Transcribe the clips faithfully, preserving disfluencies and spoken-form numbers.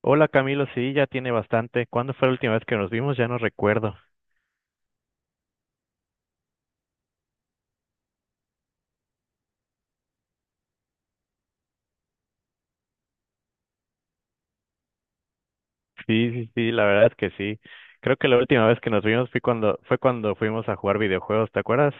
Hola Camilo, sí, ya tiene bastante. ¿Cuándo fue la última vez que nos vimos? Ya no recuerdo. Sí, sí, sí, la verdad es que sí. Creo que la última vez que nos vimos fue cuando, fue cuando fuimos a jugar videojuegos, ¿te acuerdas?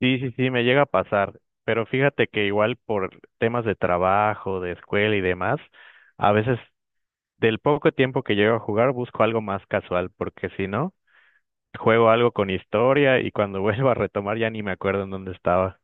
Sí, sí, sí, me llega a pasar, pero fíjate que igual por temas de trabajo, de escuela y demás, a veces del poco tiempo que llego a jugar busco algo más casual, porque si no, juego algo con historia y cuando vuelvo a retomar ya ni me acuerdo en dónde estaba.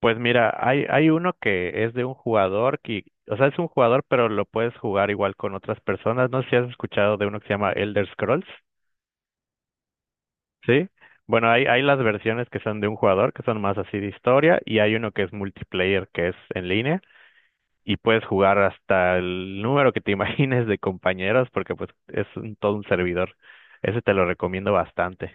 Pues mira, hay, hay uno que es de un jugador que, o sea, es un jugador, pero lo puedes jugar igual con otras personas. No sé si has escuchado de uno que se llama Elder Scrolls, ¿sí? Bueno, hay, hay las versiones que son de un jugador, que son más así de historia, y hay uno que es multiplayer, que es en línea, y puedes jugar hasta el número que te imagines de compañeros, porque pues es un- todo un servidor. Ese te lo recomiendo bastante.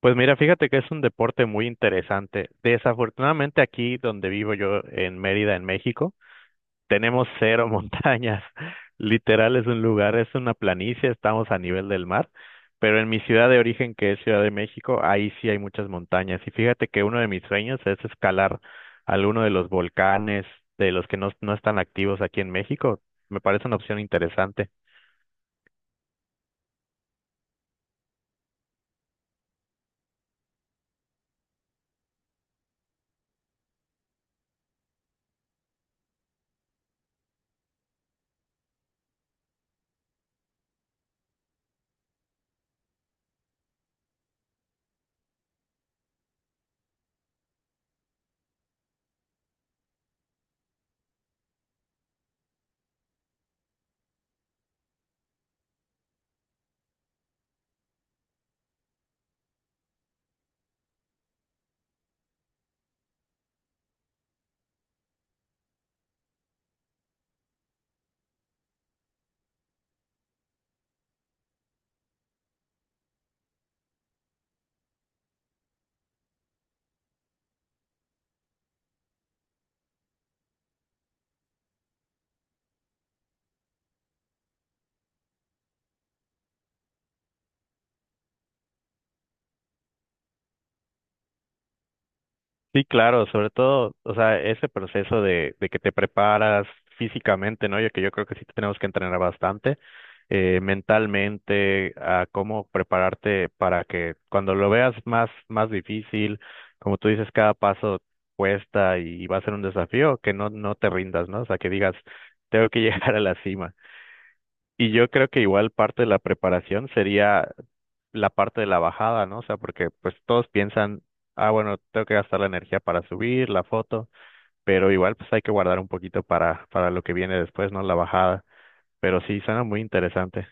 Pues mira, fíjate que es un deporte muy interesante. Desafortunadamente aquí donde vivo yo, en Mérida, en México, tenemos cero montañas. Literal es un lugar, es una planicie, estamos a nivel del mar. Pero en mi ciudad de origen, que es Ciudad de México, ahí sí hay muchas montañas. Y fíjate que uno de mis sueños es escalar alguno de los volcanes de los que no, no están activos aquí en México. Me parece una opción interesante. Sí, claro, sobre todo, o sea, ese proceso de, de que te preparas físicamente, ¿no? Yo que yo creo que sí tenemos que entrenar bastante, eh, mentalmente, a cómo prepararte para que cuando lo veas más, más difícil, como tú dices, cada paso cuesta y va a ser un desafío, que no, no te rindas, ¿no? O sea, que digas, tengo que llegar a la cima. Y yo creo que igual parte de la preparación sería la parte de la bajada, ¿no? O sea, porque pues todos piensan, ah, bueno, tengo que gastar la energía para subir la foto, pero igual pues hay que guardar un poquito para, para lo que viene después, ¿no? La bajada. Pero sí, suena muy interesante.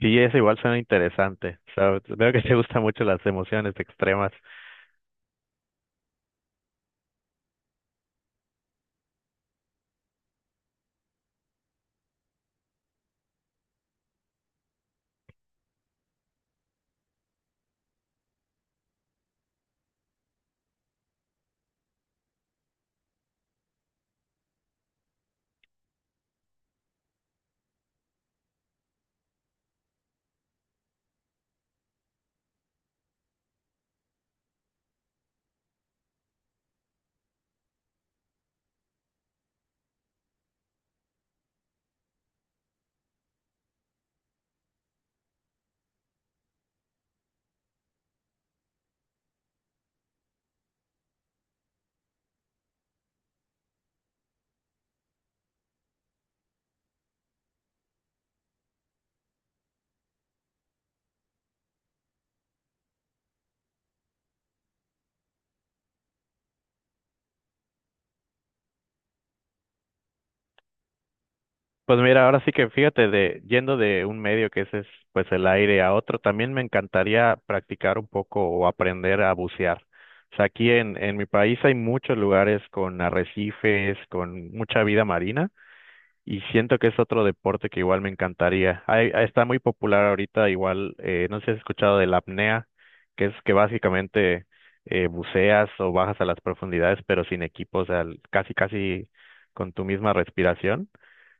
Sí, eso igual suena interesante. O sea, veo que te gustan mucho las emociones extremas. Pues mira, ahora sí que fíjate, de, yendo de un medio que ese es pues el aire a otro, también me encantaría practicar un poco o aprender a bucear. O sea, aquí en, en mi país hay muchos lugares con arrecifes, con mucha vida marina. Y siento que es otro deporte que igual me encantaría. Hay- ah, está muy popular ahorita, igual, eh, no sé si has escuchado de la apnea, que es que básicamente eh, buceas o bajas a las profundidades, pero sin equipo, o sea, l- casi, casi con tu misma respiración.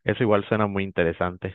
Eso igual suena muy interesante.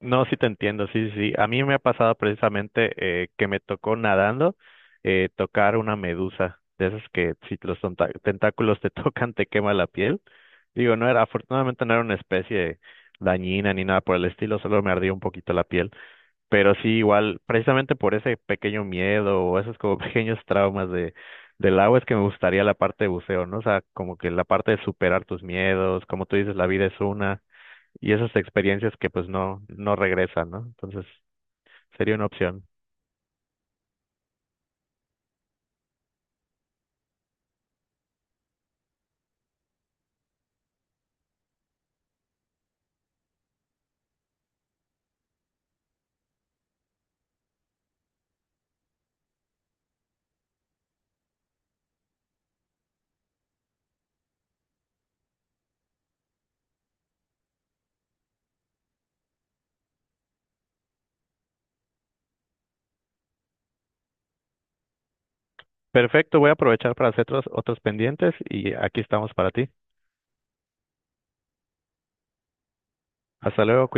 No, sí te entiendo, sí, sí. Sí. A mí me ha pasado precisamente eh, que me tocó nadando eh, tocar una medusa, de esas que si los tonta- tentáculos te tocan te quema la piel. Digo, no era, afortunadamente no era una especie dañina ni nada por el estilo, solo me ardía un poquito la piel. Pero sí, igual, precisamente por ese pequeño miedo o esos como pequeños traumas de del agua es que me gustaría la parte de buceo, ¿no? O sea, como que la parte de superar tus miedos, como tú dices, la vida es una y esas experiencias que pues no, no regresan, ¿no? Entonces sería una opción. Perfecto, voy a aprovechar para hacer otros, otros pendientes y aquí estamos para ti. Hasta luego, cuídate.